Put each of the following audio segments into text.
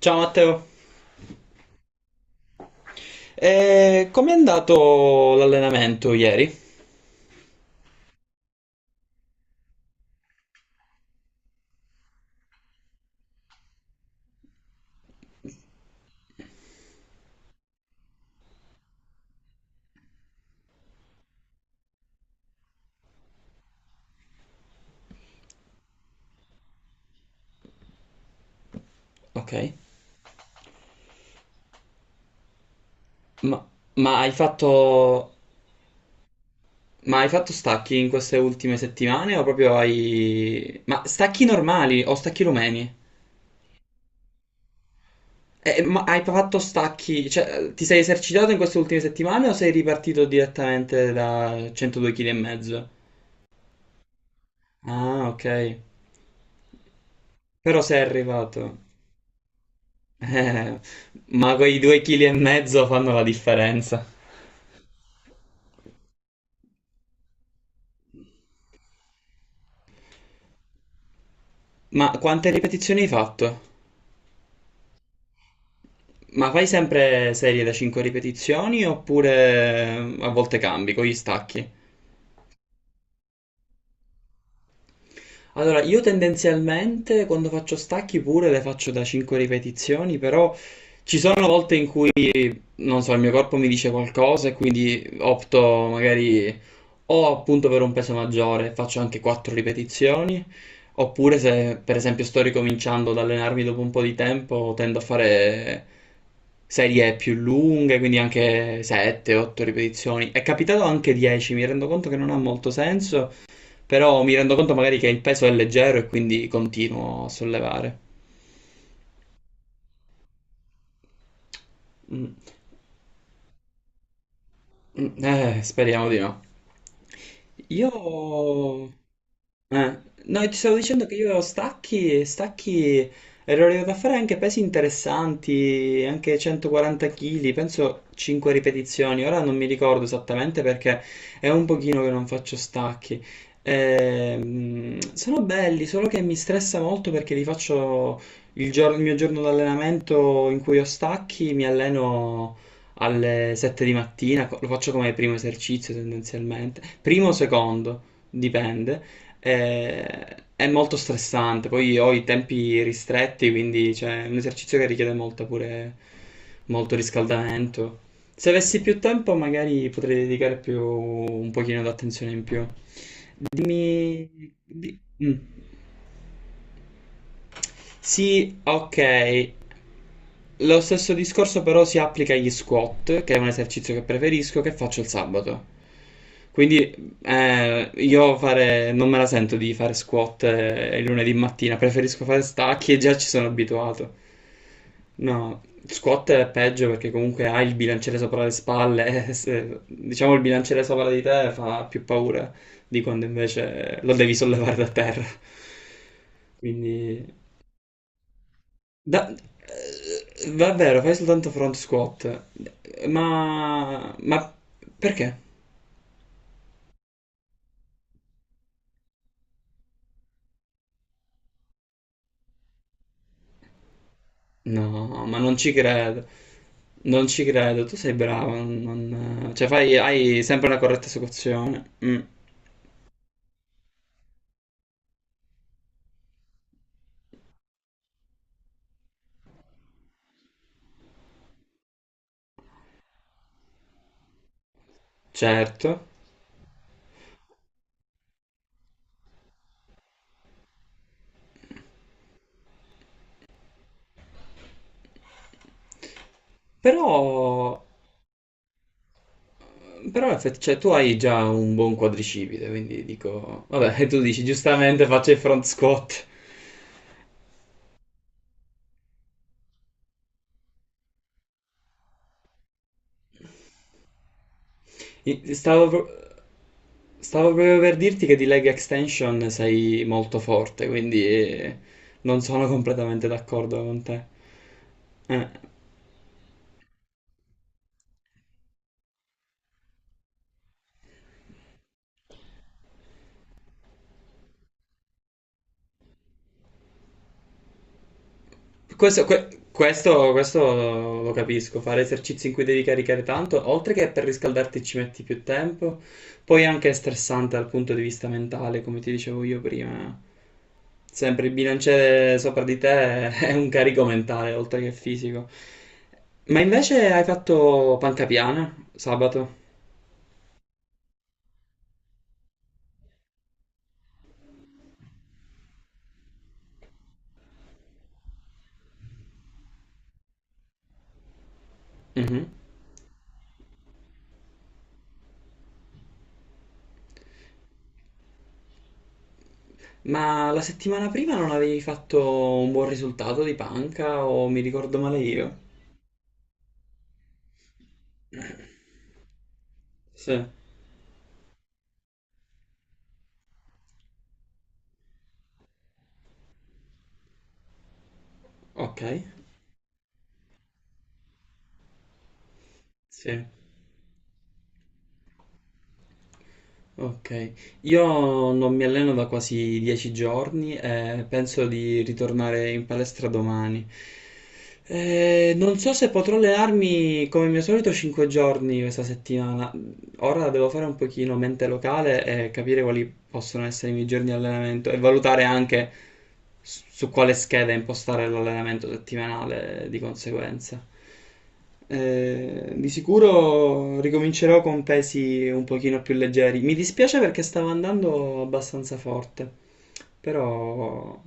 Ciao Matteo, e com'è andato l'allenamento ieri? Ok. Ma, ma hai fatto, ma hai fatto stacchi in queste ultime settimane o proprio hai. Ma stacchi normali o stacchi rumeni? Ma hai fatto stacchi, cioè ti sei esercitato in queste ultime settimane o sei ripartito direttamente da 102 kg e mezzo? Ah, ok, però sei arrivato. Eh, ma quei 2 kg e mezzo fanno la differenza. Ma quante ripetizioni hai fatto? Ma fai sempre serie da 5 ripetizioni oppure a volte cambi con gli stacchi? Allora, io tendenzialmente quando faccio stacchi pure le faccio da 5 ripetizioni, però ci sono volte in cui, non so, il mio corpo mi dice qualcosa e quindi opto magari o appunto per un peso maggiore faccio anche 4 ripetizioni, oppure se per esempio sto ricominciando ad allenarmi dopo un po' di tempo tendo a fare serie più lunghe, quindi anche 7-8 ripetizioni. È capitato anche 10, mi rendo conto che non ha molto senso. Però mi rendo conto magari che il peso è leggero e quindi continuo a sollevare. Mm. Mm. Speriamo di no. Io Eh, no, ti stavo dicendo che io stacchi, ero arrivato a fare anche pesi interessanti, anche 140 kg, penso 5 ripetizioni, ora non mi ricordo esattamente perché è un pochino che non faccio stacchi. Sono belli, solo che mi stressa molto perché li faccio il mio giorno d'allenamento in cui ho stacchi, mi alleno alle 7 di mattina, lo faccio come primo esercizio tendenzialmente, primo o secondo, dipende. È molto stressante, poi ho i tempi ristretti, quindi cioè, è un esercizio che richiede molto pure molto riscaldamento. Se avessi più tempo, magari potrei dedicare più un pochino d'attenzione in più. Dimmi. Mm. Sì, ok. Lo stesso discorso però si applica agli squat, che è un esercizio che preferisco, che faccio il sabato. Quindi non me la sento di fare squat il lunedì mattina, preferisco fare stacchi e già ci sono abituato. No, squat è peggio perché comunque hai il bilanciere sopra le spalle, e diciamo il bilanciere sopra di te fa più paura di quando invece lo devi sollevare da terra. Quindi va vero, fai soltanto front squat. Ma perché? No, ma non ci credo. Non ci credo, tu sei bravo. Cioè, hai sempre una corretta esecuzione. Mm, certo. Però, però cioè, tu hai già un buon quadricipite, quindi dico. Vabbè, e tu dici, giustamente faccio il front squat. I- Stavo... pro- Stavo proprio per dirti che di leg extension sei molto forte, quindi non sono completamente d'accordo con te. Eh, questo lo capisco, fare esercizi in cui devi caricare tanto, oltre che per riscaldarti ci metti più tempo, poi anche è stressante dal punto di vista mentale, come ti dicevo io prima. Sempre il bilanciere sopra di te è un carico mentale, oltre che fisico. Ma invece hai fatto panca piana sabato? Mhm. Ma la settimana prima non avevi fatto un buon risultato di panca o mi ricordo male io? Sì, ok, sì, ok. Io non mi alleno da quasi 10 giorni e penso di ritornare in palestra domani. Non so se potrò allenarmi come mio solito 5 giorni questa settimana, ora devo fare un pochino mente locale e capire quali possono essere i miei giorni di allenamento e valutare anche su quale scheda impostare l'allenamento settimanale di conseguenza. Di sicuro ricomincerò con pesi un pochino più leggeri. Mi dispiace perché stavo andando abbastanza forte, però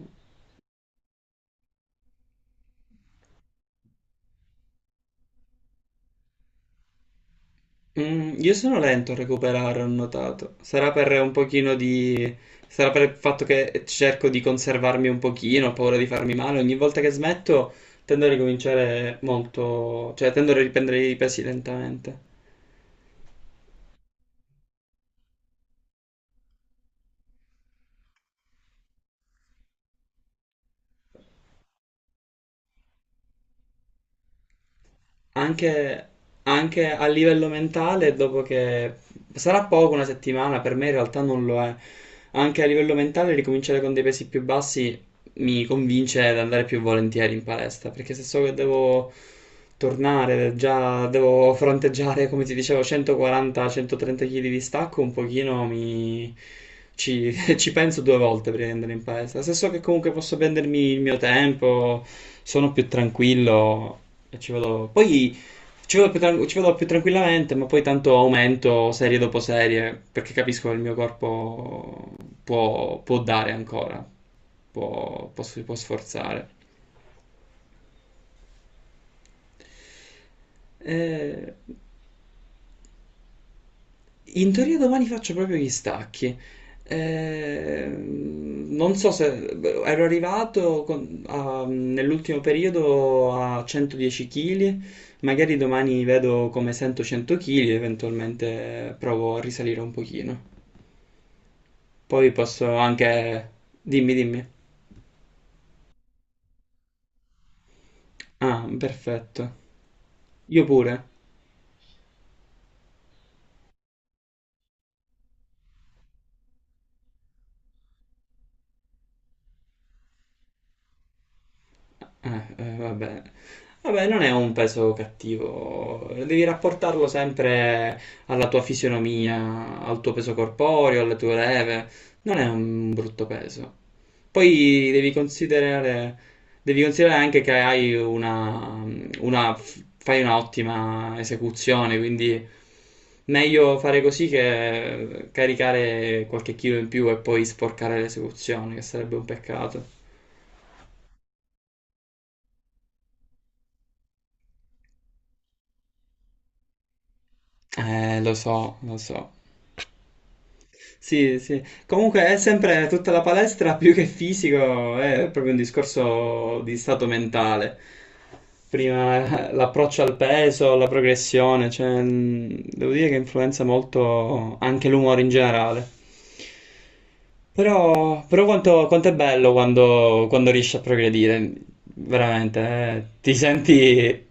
Mm, io sono lento a recuperare, ho notato. Sarà per il fatto che cerco di conservarmi un pochino, ho paura di farmi male. Ogni volta che smetto tendo a ricominciare molto. Cioè, tendo a riprendere i pesi lentamente. Anche, anche a livello mentale, dopo che sarà poco una settimana, per me in realtà non lo è. Anche a livello mentale, ricominciare con dei pesi più bassi mi convince ad andare più volentieri in palestra, perché se so che devo tornare, già devo fronteggiare, come ti dicevo, 140-130 kg di stacco, un pochino mi. Ci, ci penso due volte prima di andare in palestra. Se so che comunque posso prendermi il mio tempo, sono più tranquillo, e ci vado. Poi ci vado più tranquillamente, ma poi tanto aumento serie dopo serie perché capisco che il mio corpo può dare ancora, può sforzare. E In teoria domani faccio proprio gli stacchi. Non so se ero arrivato nell'ultimo periodo a 110 kg, magari domani vedo come sento 100 kg e eventualmente provo a risalire un pochino. Poi posso anche. Dimmi, dimmi. Ah, perfetto. Io pure. Vabbè. Vabbè, non è un peso cattivo, devi rapportarlo sempre alla tua fisionomia, al tuo peso corporeo, alle tue leve, non è un brutto peso. Poi devi considerare anche che una- fai un'ottima esecuzione, quindi meglio fare così che caricare qualche chilo in più e poi sporcare l'esecuzione, che sarebbe un peccato. Lo so, lo so. Sì, sì. Comunque è sempre tutta la palestra più che fisico, è proprio un discorso di stato mentale. Prima l'approccio al peso, la progressione, cioè, devo dire che influenza molto anche l'umore in generale. Però quanto è bello quando riesci a progredire, veramente, eh.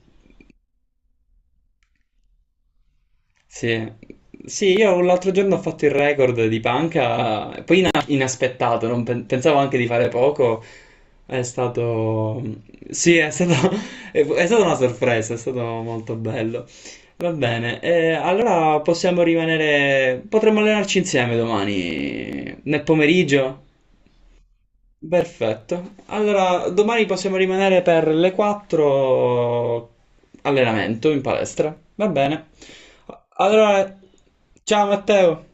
Sì. Sì, io l'altro giorno ho fatto il record di panca, poi inaspettato, non pensavo anche di fare poco. È stato... Sì, è stata una sorpresa, è stato molto bello. Va bene, allora potremmo allenarci insieme domani, nel pomeriggio? Perfetto. Allora, domani possiamo rimanere per le 4 allenamento in palestra. Va bene. Allora, ciao Matteo.